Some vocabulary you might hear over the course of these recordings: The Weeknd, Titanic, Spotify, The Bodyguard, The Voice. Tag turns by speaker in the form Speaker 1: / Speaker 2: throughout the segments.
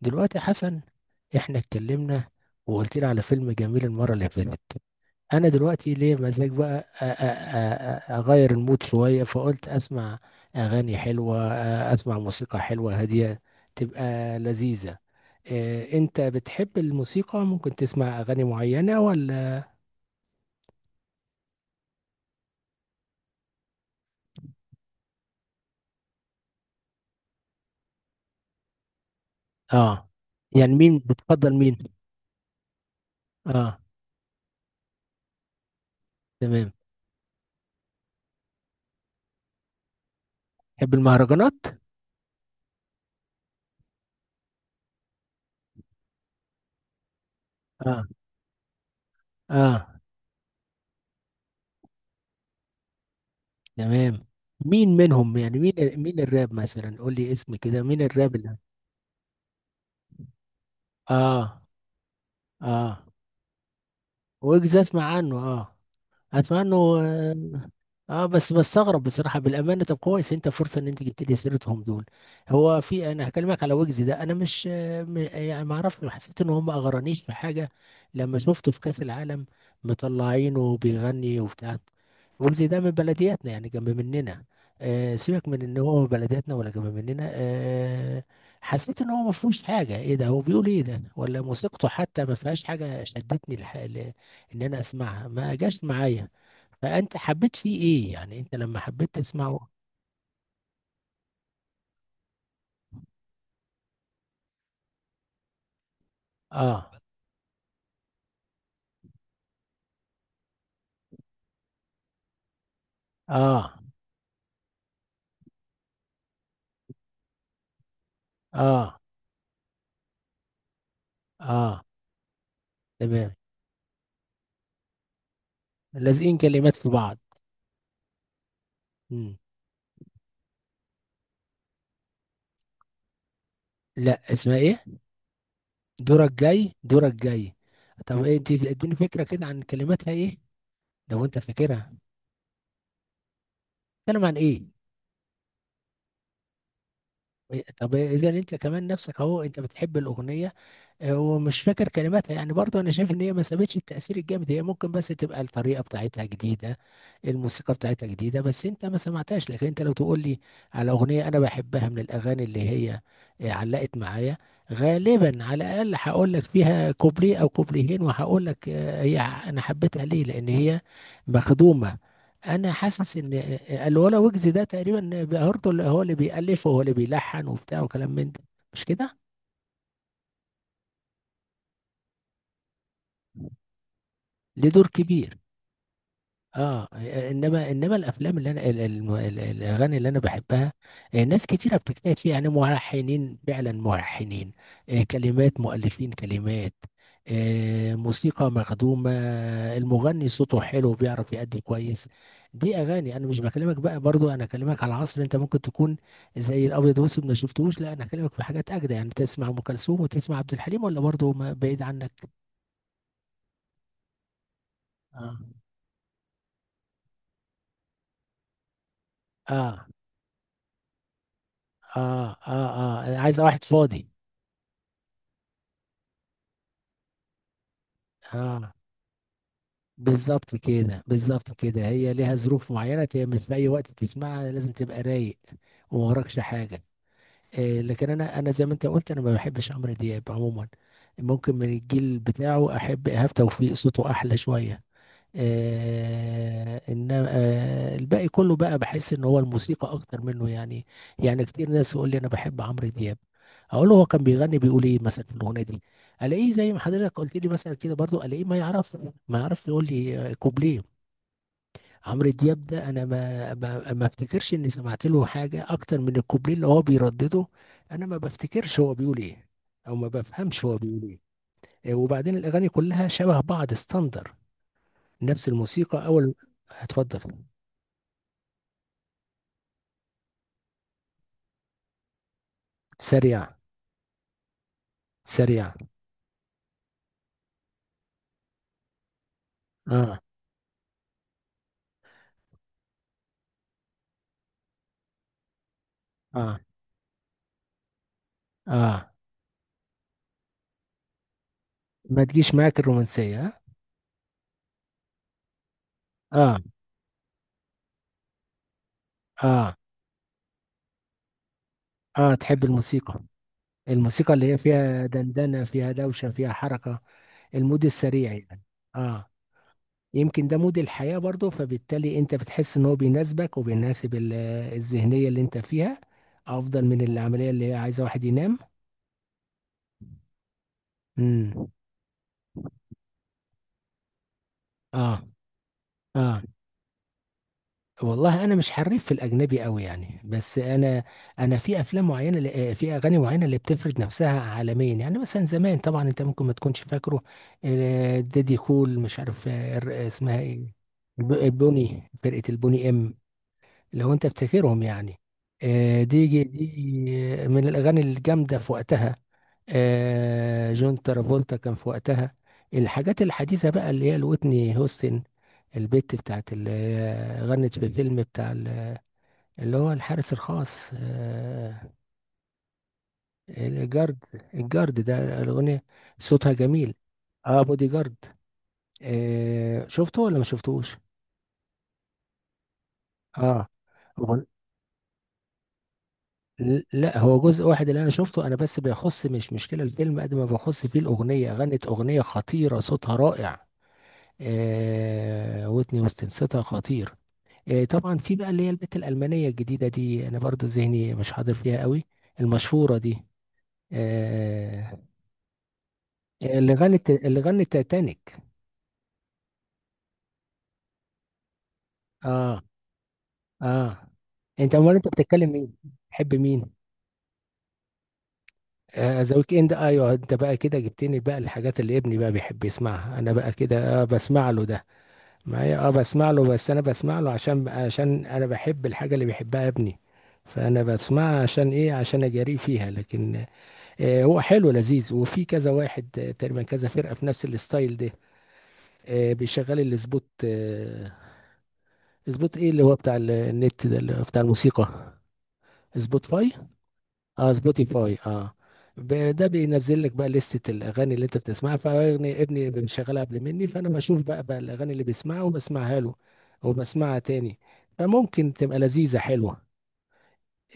Speaker 1: دلوقتي حسن، احنا اتكلمنا وقلت لي على فيلم جميل المرة اللي فاتت. انا دلوقتي ليه مزاج بقى اغير المود شوية، فقلت اسمع اغاني حلوة، اسمع موسيقى حلوة هادية تبقى لذيذة. إيه، انت بتحب الموسيقى؟ ممكن تسمع اغاني معينة ولا؟ اه. يعني مين بتفضل؟ مين؟ اه. تمام. تحب المهرجانات؟ اه. اه. تمام. مين منهم؟ يعني مين؟ مين الراب مثلا؟ قول لي اسم كده، مين الراب اللي… اه. اه. ويجز اسمع عنه، اه. اتمنى انه، اه. بس بستغرب بصراحه بالامانه. طب كويس انت، فرصه ان انت جبت لي سيرتهم دول. هو في، انا هكلمك على ويجز ده، انا مش يعني ما اعرفش، حسيت ان هم ما اغرانيش في حاجه. لما شفته في كاس العالم، مطلعينه بيغني وبتاع. ويجز ده من بلدياتنا يعني، جنب مننا. سيبك من ان هو بلدياتنا ولا جنب مننا، حسيت ان هو ما فيهوش حاجه، ايه ده؟ هو بيقول ايه ده؟ ولا موسيقته حتى ما فيهاش حاجه شدتني ان انا اسمعها، ما جاش معايا. فانت حبيت فيه ايه يعني انت لما حبيت تسمعه؟ اه. اه. اه. اه. تمام. لازقين كلمات في بعض. مم. لا، اسمها ايه؟ دورك جاي؟ دورك جاي. طب ايه، انت اديني فكرة كده عن كلماتها ايه لو انت فاكرها. بتتكلم عن ايه؟ طب اذا انت كمان نفسك اهو، انت بتحب الاغنية ومش فاكر كلماتها، يعني برضه انا شايف ان هي ما سابتش التأثير الجامد. هي ممكن بس تبقى الطريقة بتاعتها جديدة، الموسيقى بتاعتها جديدة بس انت ما سمعتهاش. لكن انت لو تقول لي على اغنية انا بحبها من الاغاني اللي هي علقت معايا، غالبا على الاقل هقول لك فيها كوبليه او كوبليهين، وهقول لك هي انا حبيتها ليه لان هي مخدومة. انا حاسس ان الولا ويجز ده تقريبا برضه اللي هو اللي بيألف وهو اللي بيلحن وبتاع وكلام من ده، مش كده؟ ليه دور كبير، اه. انما الافلام اللي انا الاغاني اللي انا بحبها، ناس كتيره بتجتهد فيها يعني ملحنين فعلا ملحنين، كلمات مؤلفين كلمات، موسيقى مخدومه. المغني صوته حلو، بيعرف يأدي كويس. دي اغاني انا مش بكلمك بقى، برضو انا اكلمك على عصر انت ممكن تكون زي الابيض واسود ما شفتوش. لا انا اكلمك في حاجات اجدى، يعني تسمع ام كلثوم وتسمع عبد الحليم، ولا برضو بعيد عنك؟ اه. اه. اه. عايز واحد فاضي. اه. بالظبط كده، بالظبط كده. هي ليها ظروف معينه، مش في اي وقت تسمعها، لازم تبقى رايق وما وراكش حاجه. لكن انا زي ما انت قلت، انا ما بحبش عمرو دياب عموما. ممكن من الجيل بتاعه احب ايهاب توفيق، صوته احلى شويه. انما الباقي كله بقى بحس ان هو الموسيقى اكتر منه يعني. يعني كتير ناس يقول لي انا بحب عمرو دياب. اقول له هو كان بيغني بيقول ايه مثلا في الاغنيه دي؟ الاقيه زي ما حضرتك قلت لي مثلا كده برضو، الاقيه ما يعرف يقول لي كوبليه. عمرو دياب ده انا ما افتكرش اني سمعت له حاجه اكتر من الكوبليه اللي هو بيردده. انا ما بفتكرش هو بيقول ايه، او ما بفهمش هو بيقول ايه. وبعدين الاغاني كلها شبه بعض ستاندر. نفس الموسيقى اول. هتفضل. سريع. سريع. اه. اه. اه. ما تجيش معاك الرومانسية؟ اه. اه. تحب الموسيقى، الموسيقى اللي هي فيها دندنة، فيها دوشة، فيها حركة، المود السريع يعني. اه. يمكن ده مود الحياة برضه، فبالتالي انت بتحس ان هو بيناسبك وبيناسب الذهنية اللي انت فيها، افضل من العملية اللي هي عايزة واحد ينام. امم. اه. اه. والله انا مش حريف في الاجنبي قوي يعني. بس انا في افلام معينه، في اغاني معينه اللي بتفرض نفسها عالميا يعني. مثلا زمان طبعا انت ممكن ما تكونش فاكره، دادي كول، مش عارف اسمها ايه، البوني، فرقه البوني، ام، لو انت بتفتكرهم يعني. دي من الاغاني الجامده في وقتها. جون ترافولتا كان في وقتها. الحاجات الحديثه بقى اللي هي الوتني هوستن، البت بتاعت اللي هي غنت في فيلم بتاع اللي هو الحارس الخاص، الجارد. الجارد ده الاغنيه، صوتها جميل. اه، بودي جارد. شفته ولا ما شفتوش؟ اه. لا هو جزء واحد اللي انا شفته انا. بس بيخص، مش مشكله الفيلم قد ما بيخص فيه الاغنيه، غنت اغنيه خطيره صوتها رائع. ويتني هيوستن صوتها خطير. طبعا في بقى اللي هي البت الالمانيه الجديده دي، انا برضو ذهني مش حاضر فيها قوي، المشهوره دي، آه اللي غنت تايتانيك. اه. اه. انت امال انت بتتكلم مين؟ تحب مين؟ ذا ويك اند. ايوه، انت بقى كده جبتني بقى الحاجات اللي ابني بقى بيحب يسمعها، انا بقى كده بسمع له ده. ما هي اه بسمع له، بس انا بسمع له عشان انا بحب الحاجه اللي بيحبها ابني. فانا بسمعها عشان ايه؟ عشان اجاريه فيها لكن، هو حلو لذيذ، وفي كذا واحد تقريبا كذا فرقه في نفس الستايل ده. بيشغل الاسبوت، اسبوت ايه اللي هو بتاع النت ده اللي هو بتاع الموسيقى، سبوتيفاي. اه سبوتيفاي اه. ده بينزل لك بقى لستة الاغاني اللي انت بتسمعها، فابني بيشغلها قبل مني، فانا بشوف بقى الاغاني اللي بيسمعها وبسمعها له وبسمعها تاني، فممكن تبقى لذيذة حلوة.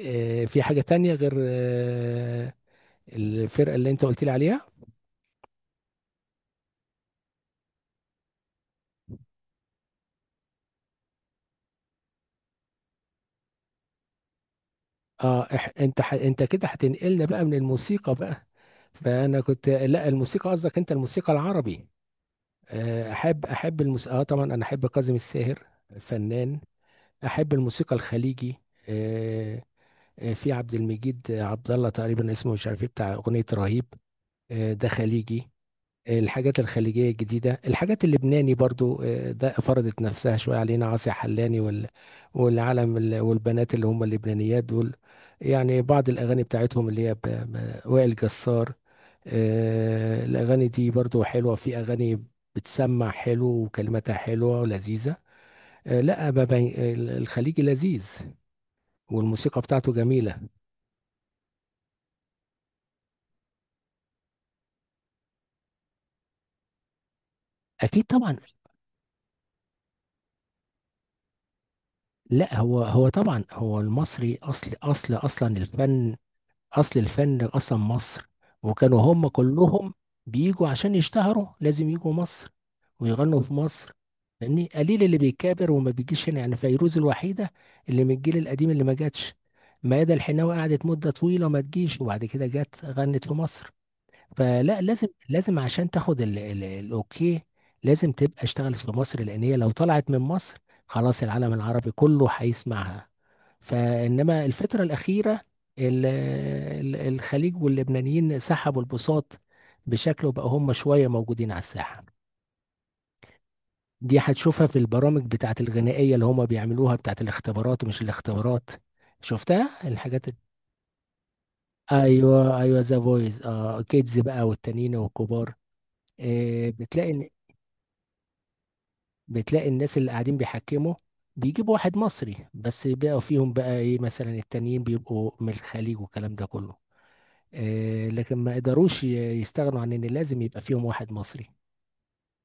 Speaker 1: في حاجة تانية غير الفرقة اللي انت قلت لي عليها؟ اه. إح انت ح انت كده هتنقلنا بقى من الموسيقى بقى؟ فانا كنت لا، الموسيقى قصدك، انت الموسيقى العربي. احب الموسيقى اه. طبعا انا احب كاظم الساهر، فنان. احب الموسيقى الخليجي، آه، في عبد المجيد عبد الله تقريبا اسمه، مش عارف ايه، بتاع اغنيه رهيب. ده خليجي. الحاجات الخليجيه الجديده، الحاجات اللبناني برضو، ده فرضت نفسها شويه علينا، عاصي حلاني والعالم والبنات اللي هم اللبنانيات دول. يعني بعض الاغاني بتاعتهم اللي هي وائل جسار. الاغاني دي برضو حلوه، في اغاني بتسمع حلو وكلماتها حلوه ولذيذه. لا بابا، الخليجي لذيذ والموسيقى بتاعته جميلة. أكيد طبعا. لا، هو طبعا هو المصري، أصل أصلا الفن. أصل الفن أصلا مصر. وكانوا هم كلهم بيجوا عشان يشتهروا، لازم يجوا مصر ويغنوا في مصر. يعني قليل اللي بيكابر وما بيجيش هنا. يعني فيروز الوحيدة اللي من الجيل القديم اللي ما جاتش. ميادة الحناوي قعدت مدة طويلة ما تجيش، وبعد كده جت غنت في مصر. فلا، لازم عشان تاخد ال الاوكي، لازم تبقى اشتغلت في مصر. لان هي لو طلعت من مصر، خلاص العالم العربي كله هيسمعها. فانما الفترة الأخيرة، ال- الخليج واللبنانيين سحبوا البساط بشكل، وبقى هم شوية موجودين على الساحة. دي هتشوفها في البرامج بتاعت الغنائية اللي هم بيعملوها، بتاعت الاختبارات، مش الاختبارات. شفتها الحاجات ايوه ايوه، ذا فويس، اه كيدز بقى والتانيين والكبار. آه، بتلاقي بتلاقي الناس اللي قاعدين بيحكموا، بيجيبوا واحد مصري بس بقى فيهم، بقى ايه مثلا التانيين بيبقوا من الخليج والكلام ده كله. لكن ما قدروش يستغنوا عن ان لازم يبقى فيهم واحد مصري.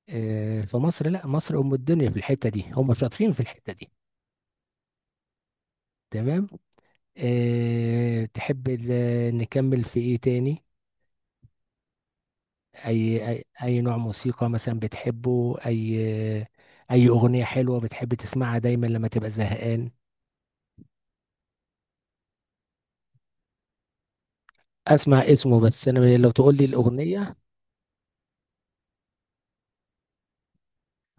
Speaker 1: فمصر، لا مصر ام الدنيا، في الحتة دي هم شاطرين في الحتة دي. تمام. تحب نكمل في ايه تاني؟ اي اي أي نوع موسيقى مثلا بتحبه؟ اي اغنية حلوة بتحب تسمعها دايما لما تبقى زهقان؟ اسمع اسمه، بس انا لو تقول لي الاغنيه.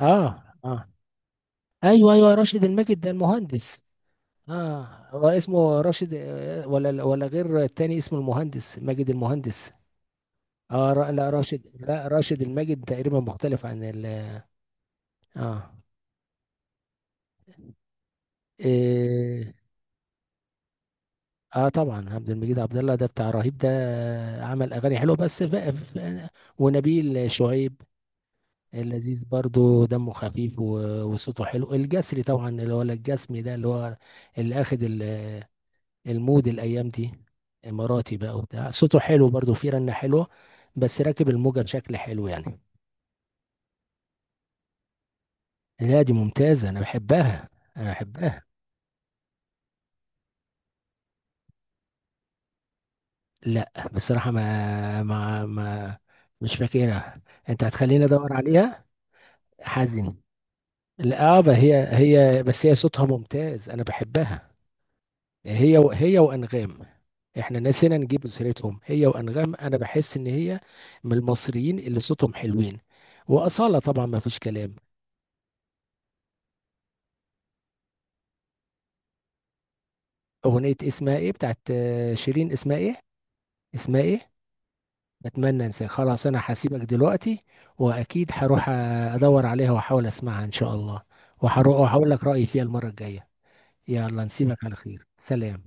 Speaker 1: اه. اه. ايوه ايوه، راشد الماجد ده المهندس؟ اه. هو اسمه راشد ولا غير، التاني اسمه المهندس، ماجد المهندس. لا راشد، لا راشد الماجد تقريبا مختلف عن ال. اه. إيه. اه، طبعا عبد المجيد عبد الله ده بتاع رهيب ده، عمل اغاني حلوه بس ونبيل شعيب اللذيذ برضو، دمه خفيف وصوته حلو. الجسري طبعا اللي هو الجسمي ده، اللي هو اللي اخد المود الايام دي. اماراتي بقى وبتاع، صوته حلو برضو فيه رنة حلوة، بس راكب الموجة بشكل حلو يعني. لا دي ممتازة انا بحبها. انا بحبها. لا بصراحة ما مش فاكرها، انت هتخليني ادور عليها. حزين؟ لا هي بس هي صوتها ممتاز، انا بحبها. هي وانغام. احنا نسينا نجيب سيرتهم هي وانغام. انا بحس ان هي من المصريين اللي صوتهم حلوين، واصاله طبعا ما فيش كلام. اغنيه اسمها ايه بتاعت شيرين؟ اسمها ايه؟ اسمها ايه؟ اتمنى انساك. خلاص انا هسيبك دلوقتي، واكيد هروح ادور عليها واحاول اسمعها ان شاء الله، وهروح اقول لك رايي فيها المره الجايه. يلا نسيبك على خير. سلام.